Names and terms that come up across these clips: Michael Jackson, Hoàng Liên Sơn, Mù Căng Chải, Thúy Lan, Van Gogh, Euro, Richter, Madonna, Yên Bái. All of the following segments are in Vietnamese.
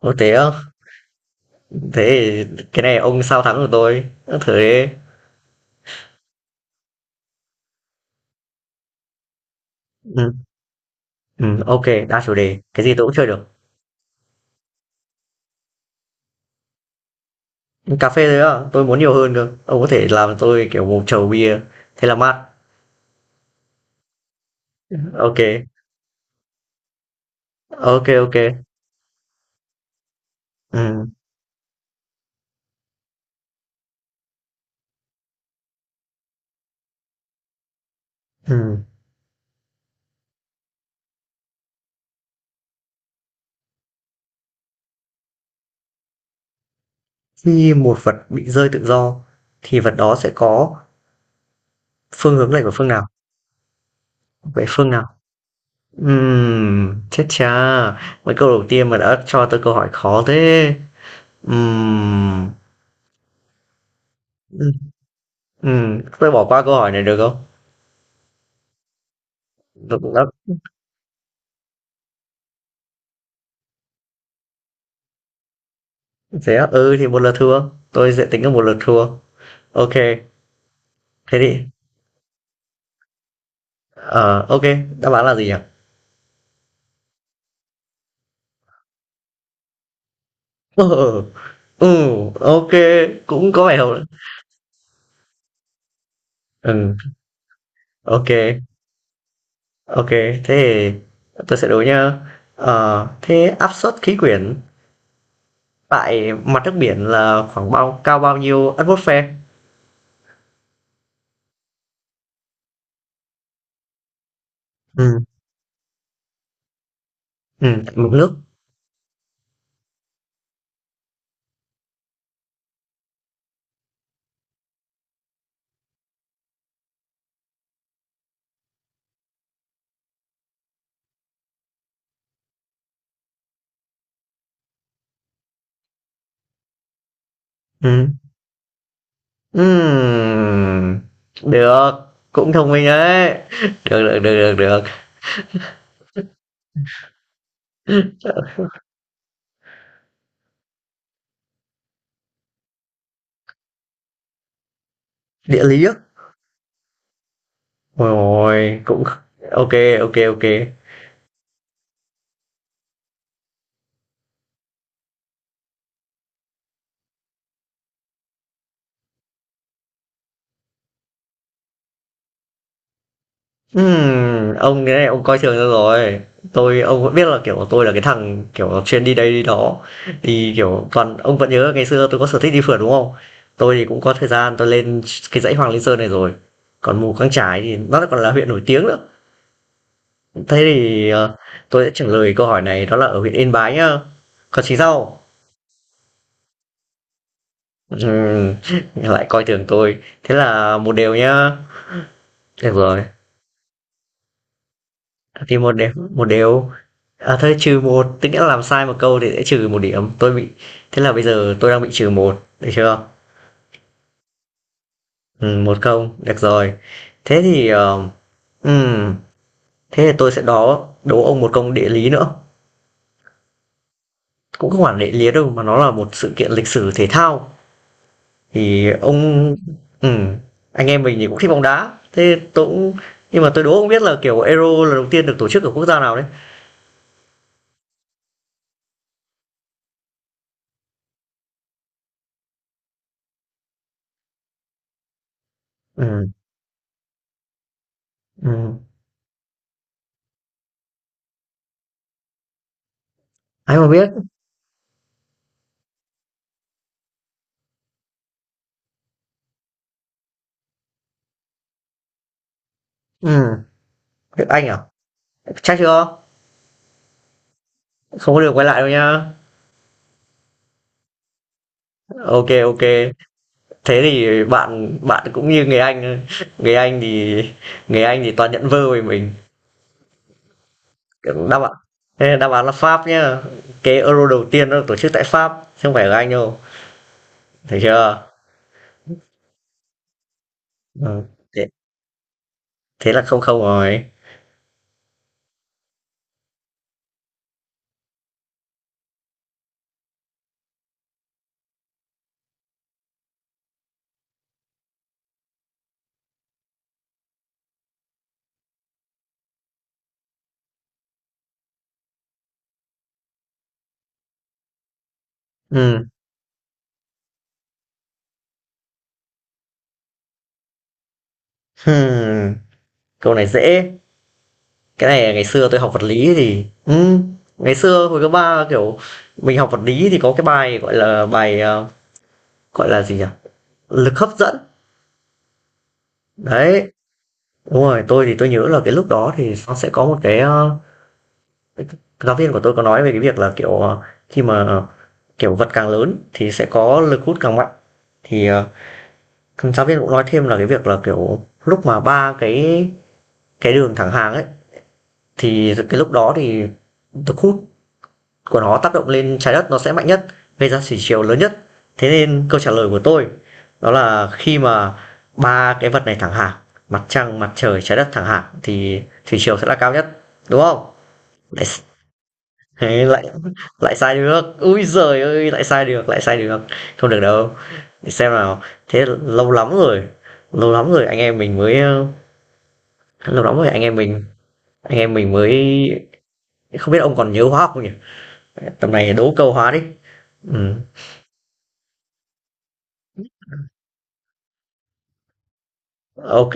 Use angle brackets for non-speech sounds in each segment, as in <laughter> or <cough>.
Ô thế á, thế thì cái này ông sao thắng được tôi. Ơ, thế, ừ, ừ, ok, đa chủ đề, cái gì tôi cũng chơi được. Cà phê thôi á, tôi muốn nhiều hơn cơ. Ông có thể làm tôi kiểu một chầu bia, thế là mát. Ok, ok, ok. Ừ, ừ. Khi một vật bị rơi tự do, thì vật đó sẽ có phương hướng lệch của phương nào? Vậy phương nào? Chết cha, mấy câu đầu tiên mà đã cho tôi câu hỏi khó thế. Ừm, ừm, tôi bỏ qua câu hỏi này được không? Nó cũng đã thế á? Ừ, thì một lượt thua, tôi sẽ tính là một lượt thua. Ok, thế thì ờ, ok, đáp án là gì nhỉ? Ừ, ừ, ok, cũng có vẻ hợp. Ừ, ok, ok, thế thì tôi sẽ đố nhá. Ờ, thế áp suất khí quyển tại mặt nước biển là khoảng bao nhiêu atmosphere? Ừ, ừ, tại mực nước. Ừ. Ừm, được, cũng thông minh đấy. <laughs> Được, được, được, được, được. Địa lý á. Ôi ôi, cũng ok ok ok. Ông cái này ông coi thường tôi rồi. Ông vẫn biết là, kiểu, tôi là cái thằng, kiểu, chuyên đi đây đi đó, thì, kiểu, toàn ông vẫn nhớ ngày xưa tôi có sở thích đi phượt, đúng không? Tôi thì cũng có thời gian tôi lên cái dãy Hoàng Liên Sơn này rồi, còn Mù Căng Chải thì nó còn là huyện nổi tiếng nữa. Thế thì, tôi sẽ trả lời câu hỏi này đó là ở huyện Yên Bái nhá. Còn chị sao? Ừm, <laughs> lại coi thường tôi. Thế là một điều nhá. Được rồi. Thì một điểm một đều. À thôi trừ một tức nghĩa là làm sai một câu thì sẽ trừ một điểm. Tôi bị Thế là bây giờ tôi đang bị trừ một được chưa? 1-0, được rồi. Thế thì, ừm, thế thì tôi sẽ đố đố ông một câu địa lý nữa. Cũng không hẳn địa lý đâu mà nó là một sự kiện lịch sử thể thao. Thì ông ừm, anh em mình thì cũng thích bóng đá, thế tôi cũng nhưng mà tôi đố ông biết là, kiểu, Euro lần đầu tiên được tổ chức ở quốc gia nào đấy? Ừm, ừm, ai mà biết. Ừm, Anh à? Chắc chưa? Không có được quay lại đâu nhá. OK, OK. Thế thì bạn bạn cũng như người Anh thôi. Người Anh thì toàn nhận vơ về mình. Đáp án Thế đáp án là Pháp nhá. Cái Euro đầu tiên nó được tổ chức tại Pháp, chứ không phải ở Anh đâu. Thấy chưa? Ừm, thế thế là không không rồi. Ừm, hừm, câu này dễ. Cái này ngày xưa tôi học vật lý thì ngày xưa hồi cấp 3 kiểu, mình học vật lý thì có cái bài, gọi là, bài, gọi là gì nhỉ? Lực hấp dẫn. Đấy, đúng rồi, tôi thì tôi nhớ là cái lúc đó thì nó sẽ có một cái, giáo viên của tôi có nói về cái việc là, kiểu, khi mà, kiểu, vật càng lớn thì sẽ có lực hút càng mạnh. Thì, giáo viên cũng nói thêm là cái việc là, kiểu, lúc mà ba cái đường thẳng hàng ấy, thì cái lúc đó thì lực hút của nó tác động lên Trái Đất nó sẽ mạnh nhất, gây ra thủy triều lớn nhất. Thế nên câu trả lời của tôi đó là khi mà 3 cái vật này thẳng hàng, mặt trăng, mặt trời, Trái Đất thẳng hàng thì thủy triều sẽ là cao nhất, đúng không? Lại thế lại lại sai được. Ui giời ơi, lại sai được, lại sai được. Không được đâu, để xem nào. Thế lâu lắm rồi anh em mình mới, lâu lắm rồi anh em mình mới không biết ông còn nhớ hóa học không nhỉ? Tầm này đố câu hóa đi. Ừm, ô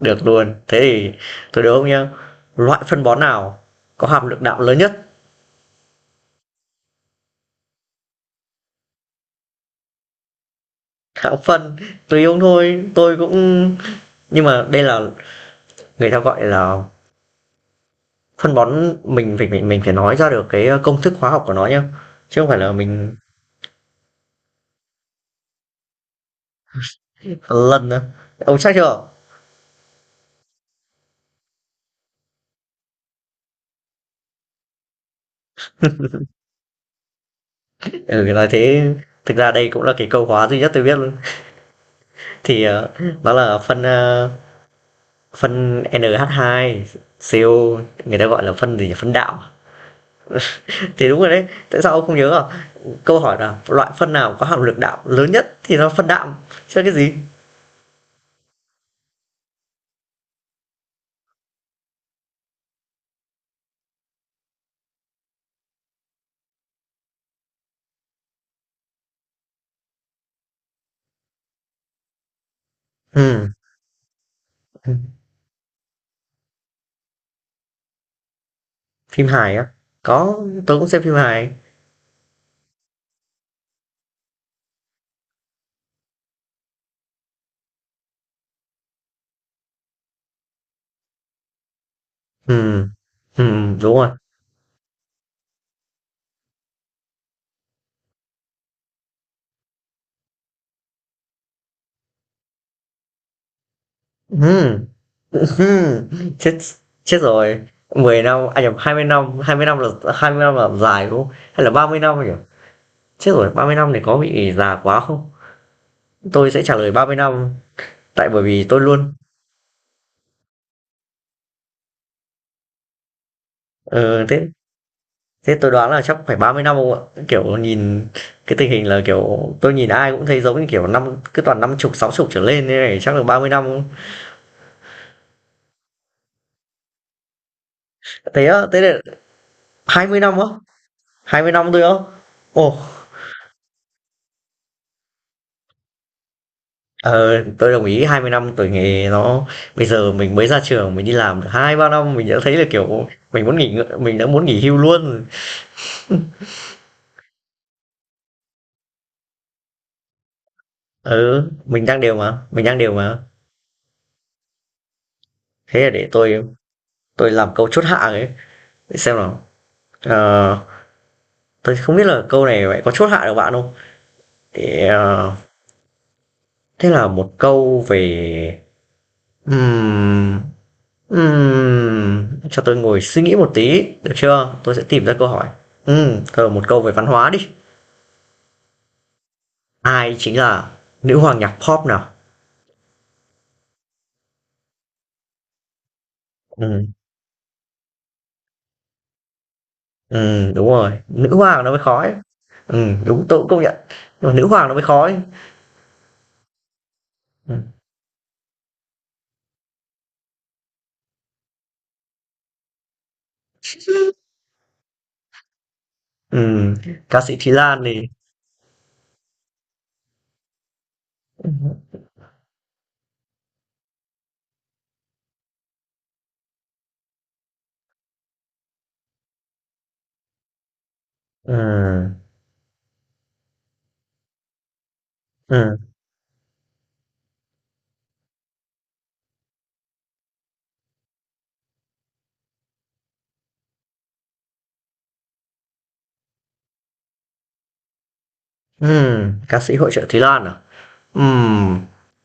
được luôn. Thế thì tôi đố ông nhá. Loại phân bón nào có hàm lượng đạm lớn nhất? Hạng phân, tùy ông thôi, tôi cũng nhưng mà đây là người ta gọi là phân bón mình phải nói ra được cái công thức hóa học của nó nhá, chứ không phải là lần nữa. Ông chắc chưa? Ừ, nói thế, thực ra đây cũng là cái câu hóa duy nhất tôi biết luôn. Thì đó là phân NH2 CO, người ta gọi là phân gì nhỉ? Phân đạo thì đúng rồi đấy, tại sao ông không nhớ à? Câu hỏi là loại phân nào có hàm lượng đạo lớn nhất thì nó phân đạm chứ cái gì. Ừ. Phim hài á? Có, tôi cũng xem phim hài. Ừ, ừ, đúng rồi. Ừ. <laughs> Chết, rồi. Mười năm, anh à nhầm, mươi năm, 20 năm là 20 năm là dài, đúng không? Hay là 30 năm nhỉ? Chết rồi, 30 năm thì có bị già quá không? Tôi sẽ trả lời 30 năm, tại bởi vì tôi luôn ờ, thế thế tôi đoán là chắc phải 30 năm không ạ? Kiểu nhìn cái tình hình là kiểu tôi nhìn ai cũng thấy giống như kiểu năm cứ toàn năm chục, sáu chục trở lên thế này chắc là 30 năm. Thế á, thế là 20 năm á? Hai mươi năm tôi á? Ồ, Ờ, tôi đồng ý 20 năm tuổi nghề nó bây giờ mình mới ra trường mình đi làm được 2 3 năm mình đã thấy là kiểu mình đã muốn nghỉ hưu luôn. Ừ, mình đang đều mà, mình đang đều mà. Thế là để tôi làm câu chốt hạ ấy, để xem nào. Ờ, tôi không biết là câu này vậy có chốt hạ được bạn không? Để ờ, thế là một câu về ừm cho tôi ngồi suy nghĩ một tí được chưa? Tôi sẽ tìm ra câu hỏi. Ừ, một câu về văn hóa đi. Ai chính là nữ hoàng nhạc pop nào? Ừm, đúng rồi, nữ hoàng nó mới khó ấy. Đúng, tôi cũng công nhận, nhưng mà nữ hoàng nó mới khó ấy. Ừm. Ừm, ca sĩ Thúy Lan thì ừm hứm, ừm, ca sĩ hội chợ Thúy Lan à? Ừm,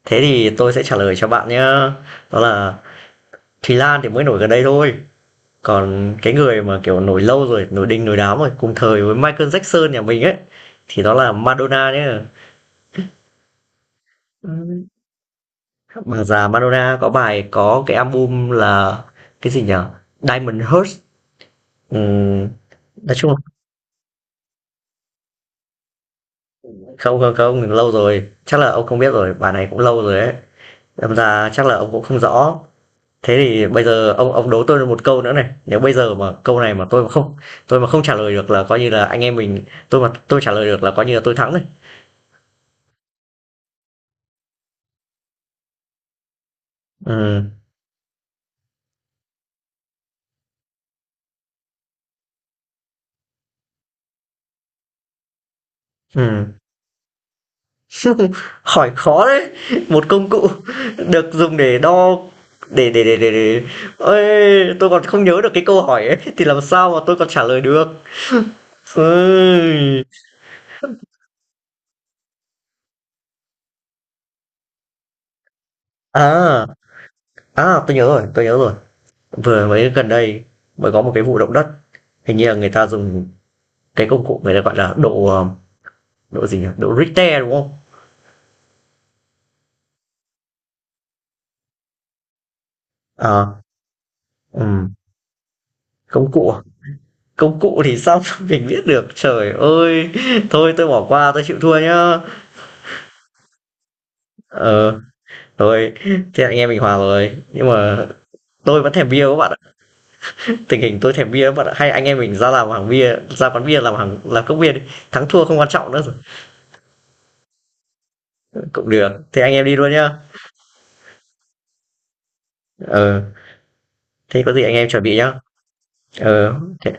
thế thì tôi sẽ trả lời cho bạn nhá, đó là Thúy Lan thì mới nổi gần đây thôi, còn cái người mà, kiểu, nổi lâu rồi, nổi đình nổi đám rồi, cùng thời với Michael Jackson nhà mình ấy, thì đó là Madonna nhá. Ừm. Bà già Madonna có cái album là cái gì nhở? Diamond Hearts. Ừm, nói chung là không không không lâu rồi, chắc là ông không biết rồi, bài này cũng lâu rồi ấy. Đâm ra chắc là ông cũng không rõ. Thế thì bây giờ ông đố tôi một câu nữa này. Nếu bây giờ mà câu này mà tôi mà không trả lời được là coi như là anh em mình tôi trả lời được là coi như là tôi thắng rồi. Ừ. Ừ. <laughs> Hỏi khó đấy, một công cụ được dùng để đo, để ôi, tôi còn không nhớ được cái câu hỏi ấy thì làm sao mà tôi còn trả lời được. Ôi. À, tôi nhớ rồi, tôi nhớ rồi. Vừa mới gần đây mới có một cái vụ động đất, hình như là người ta dùng cái công cụ người ta gọi là độ gì nhỉ? Độ Richter đúng không? Ờ, ừm, công cụ à? Công cụ thì sao <laughs> mình biết được. Trời ơi, thôi tôi bỏ qua, tôi chịu thua nhá. Ờ. Thôi, thế anh em mình hòa rồi. Nhưng mà tôi vẫn thèm bia các bạn ạ. Tình hình tôi thèm bia các bạn ạ. Hay anh em mình ra làm hàng bia, ra quán bia làm hàng làm cốc bia đi. Thắng thua không quan trọng nữa rồi. Cũng được. Thế anh em đi luôn nhá. Ờ, thế có gì anh em chuẩn bị nhá. Ờ, thế